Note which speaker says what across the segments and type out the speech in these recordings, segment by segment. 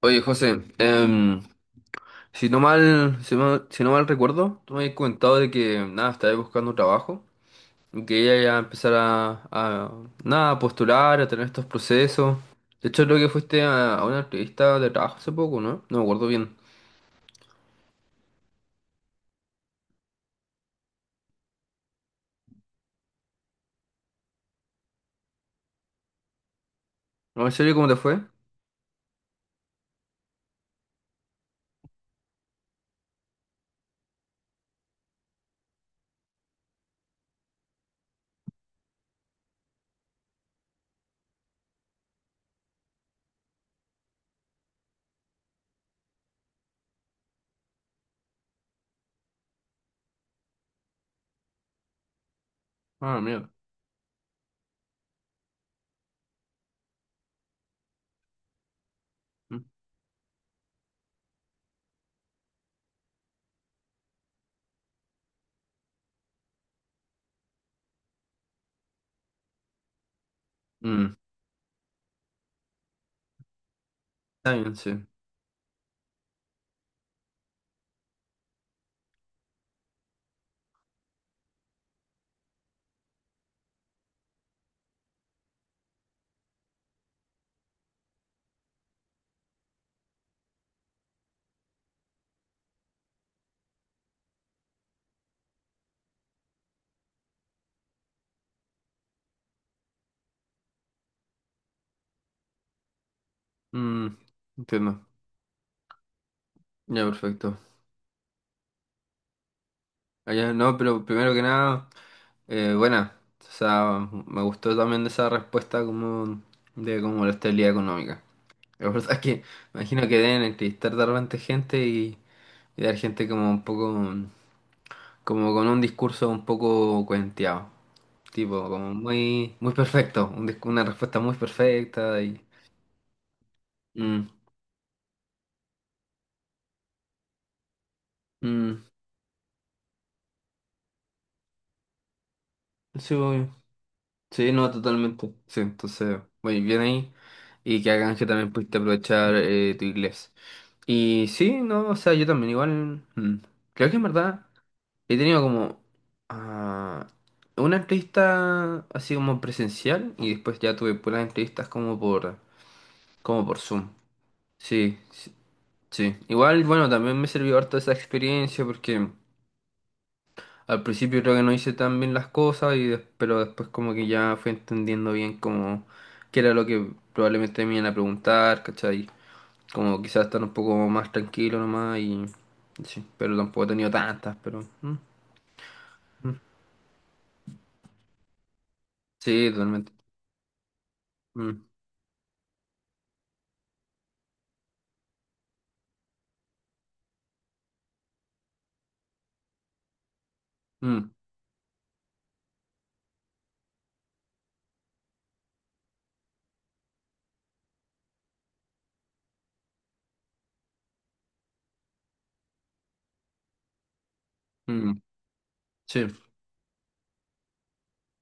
Speaker 1: Oye, José, si no mal recuerdo, tú me habías comentado de que nada, estabas buscando trabajo y que ella ya empezar a, nada, a postular, a tener estos procesos. De hecho, creo que fuiste a una entrevista de trabajo hace poco, ¿no? No me acuerdo bien. No, ¿en serio, cómo te fue? Ah, mira. Mm, mm, está bien, sí. Mm, entiendo. Ya, perfecto. Allá, no, pero primero que nada, buena. O sea, me gustó también de esa respuesta como de como la estabilidad económica. La verdad es que imagino que deben entrevistar de repente gente y dar gente como un poco, como con un discurso un poco cuenteado, tipo, como muy, muy perfecto, una respuesta muy perfecta y. Mm, mm, sí, obvio. Sí, no, totalmente. Sí, entonces, muy bien ahí. Y que hagan que también pudiste aprovechar tu inglés. Y sí, no, o sea, yo también igual, creo que en verdad. He tenido como ah, una entrevista así como presencial y después ya tuve puras entrevistas como por Zoom. Sí, sí, sí. Igual, bueno, también me sirvió harto esa experiencia porque al principio creo que no hice tan bien las cosas, pero después como que ya fui entendiendo bien como qué era lo que probablemente me iban a preguntar, ¿cachai? Como quizás estar un poco más tranquilo nomás y sí, pero tampoco he tenido tantas, pero mm, mm. Sí, totalmente. Mm, mm. Mm, sí.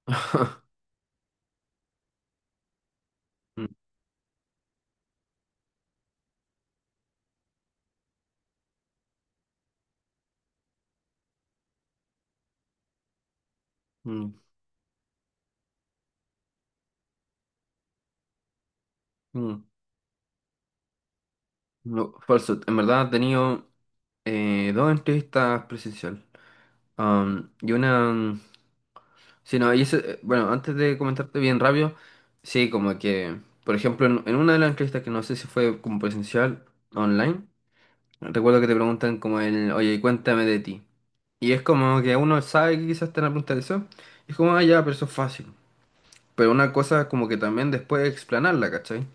Speaker 1: Mm, mm, mm. No, falso. En verdad he tenido dos entrevistas presencial. Y una. Sí, no, y ese, bueno, antes de comentarte bien rápido, sí, como que, por ejemplo, en una de las entrevistas que no sé si fue como presencial online, recuerdo que te preguntan como el, oye, cuéntame de ti. Y es como que uno sabe que quizás te van a preguntar eso. Y es como, ya, pero eso es fácil. Pero una cosa como que también después explanarla, ¿cachai?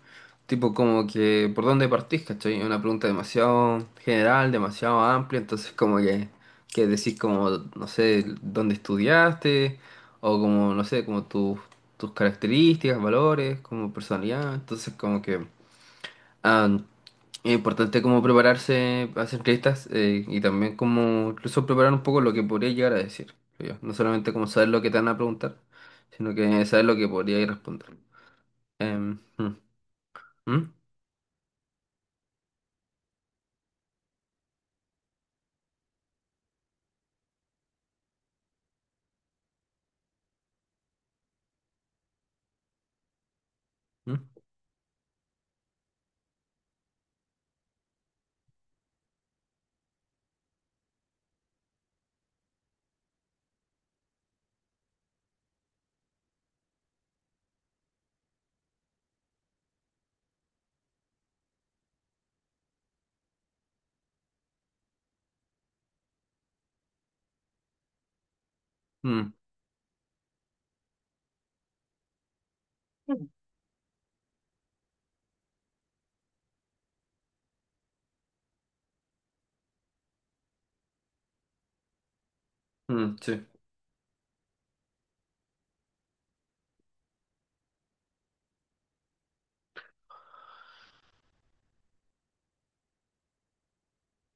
Speaker 1: Tipo como que por dónde partís, ¿cachai? Es una pregunta demasiado general, demasiado amplia, entonces como que decís como, no sé, dónde estudiaste, o como, no sé, como tus características, valores, como personalidad, entonces como que ah, es importante como prepararse a hacer entrevistas y también como incluso preparar un poco lo que podría llegar a decir, creo yo. No solamente como saber lo que te van a preguntar, sino que saber lo que podría ir a responder. Em, mm, mm, mm, mm, mm, sí,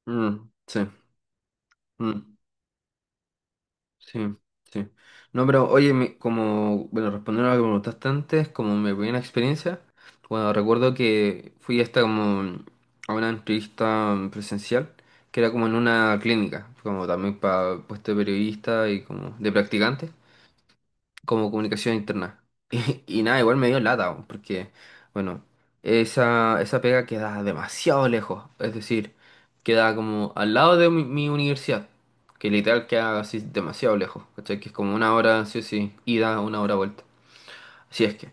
Speaker 1: mm, sí, mm, sí, sí. No, pero oye, como, bueno, respondiendo a lo que me preguntaste antes, como mi primera experiencia, bueno, recuerdo que fui hasta como a una entrevista presencial, que era como en una clínica, como también para puesto de periodista y como de practicante. Como comunicación interna. Y nada, igual me dio lata, weón, porque, bueno, esa pega queda demasiado lejos, es decir, queda como al lado de mi universidad, que literal queda así demasiado lejos, ¿cachai? Que es como una hora, sí o sí, ida, una hora vuelta. Así es que,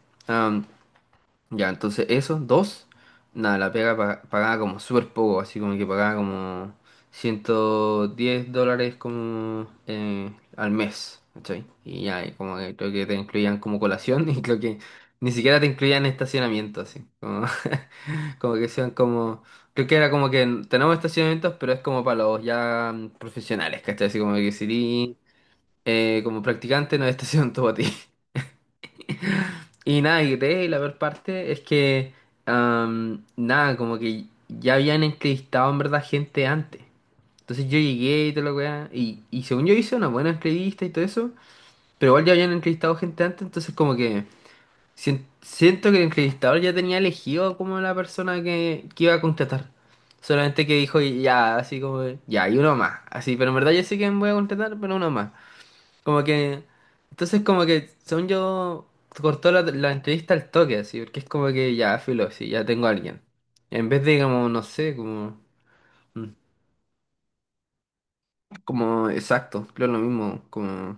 Speaker 1: ya, entonces esos dos, nada, la pega pagaba como súper poco, así como que pagaba como $110 como al mes, ¿cachai? Y ya, y como que creo que te incluían como colación y creo que ni siquiera te incluían estacionamiento, así, como, como que sean como, creo que era como que tenemos estacionamientos, pero es como para los ya profesionales, ¿cachai? Así como que si eres, como practicante no hay estacionamiento para ti. Y nada, y la peor parte es que, nada, como que ya habían entrevistado en verdad gente antes. Entonces yo llegué y toda la weá, y según yo hice una buena entrevista y todo eso, pero igual ya habían entrevistado gente antes, entonces como que siento que el entrevistador ya tenía elegido como la persona que iba a contratar. Solamente que dijo, ya, así como, ya, y uno más, así, pero en verdad yo sé que me voy a contratar, pero uno más. Como que. Entonces, como que, según yo, cortó la entrevista al toque, así, porque es como que ya, filo, sí, ya tengo a alguien. En vez de, como, no sé, como. Mm. Como, exacto, creo lo mismo, como.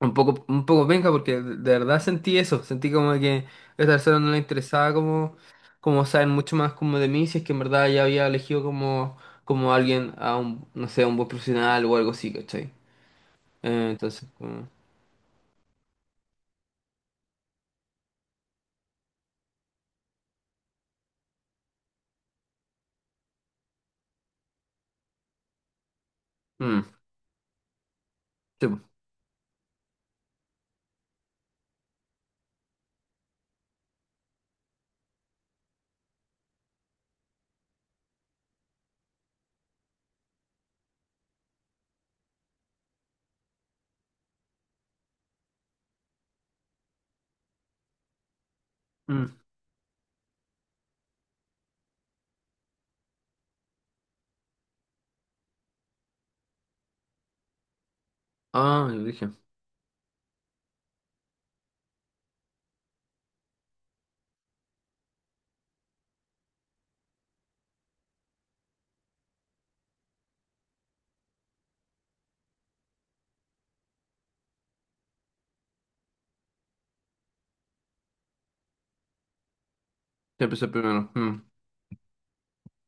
Speaker 1: Un poco penca, porque de verdad sentí eso, sentí como que a esta persona no le interesaba, como. Como saben mucho más como de mí, si es que en verdad ya había elegido como. Como alguien, a un, no sé, a un buen profesional o algo así, ¿cachai? Entonces, como. Mm, sí, po, mm. Ah, yo dije. Sí, empezó primero. Mm.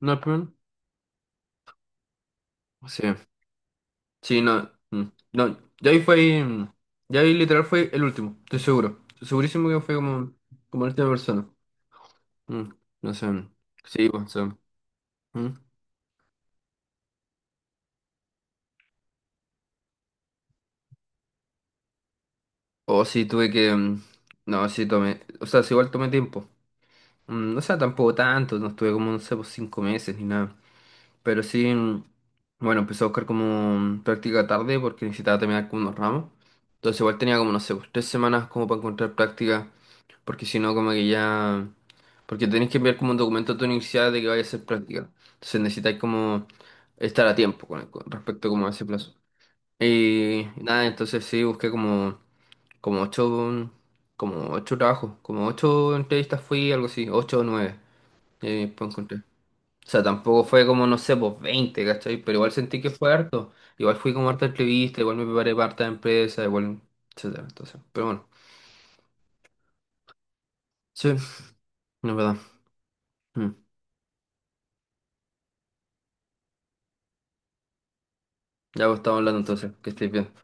Speaker 1: No, primero. Sí. Sí, no. Mm. No, ya ahí fue. Ya ahí literal fue el último, estoy seguro. Estoy segurísimo que fue como, como la última persona. Mm, no sé. Mm. Sí, pues. O sea, mm. O sí, tuve que. No, sí, tomé. O sea, sí, igual tomé tiempo. Mm, o sea, tampoco tanto, no estuve como, no sé, pues 5 meses ni nada. Pero sí, bueno, empecé a buscar como práctica tarde porque necesitaba terminar con unos ramos. Entonces igual tenía como, no sé, pues 3 semanas como para encontrar práctica, porque si no como que ya. Porque tenés que enviar como un documento a tu universidad de que vaya a hacer práctica. Entonces necesitáis como estar a tiempo con respecto como a ese plazo. Y nada, entonces sí, busqué como ocho, como ocho trabajos, como ocho entrevistas fui, algo así, ocho o nueve. Pues encontré. O sea, tampoco fue como, no sé, pues 20, ¿cachai? Pero igual sentí que fue harto. Igual fui como harta entrevista, igual me preparé para harta empresa, igual, etcétera. Entonces, pero bueno, sí, no es verdad. Mm. Ya pues, estamos hablando entonces, que estés bien.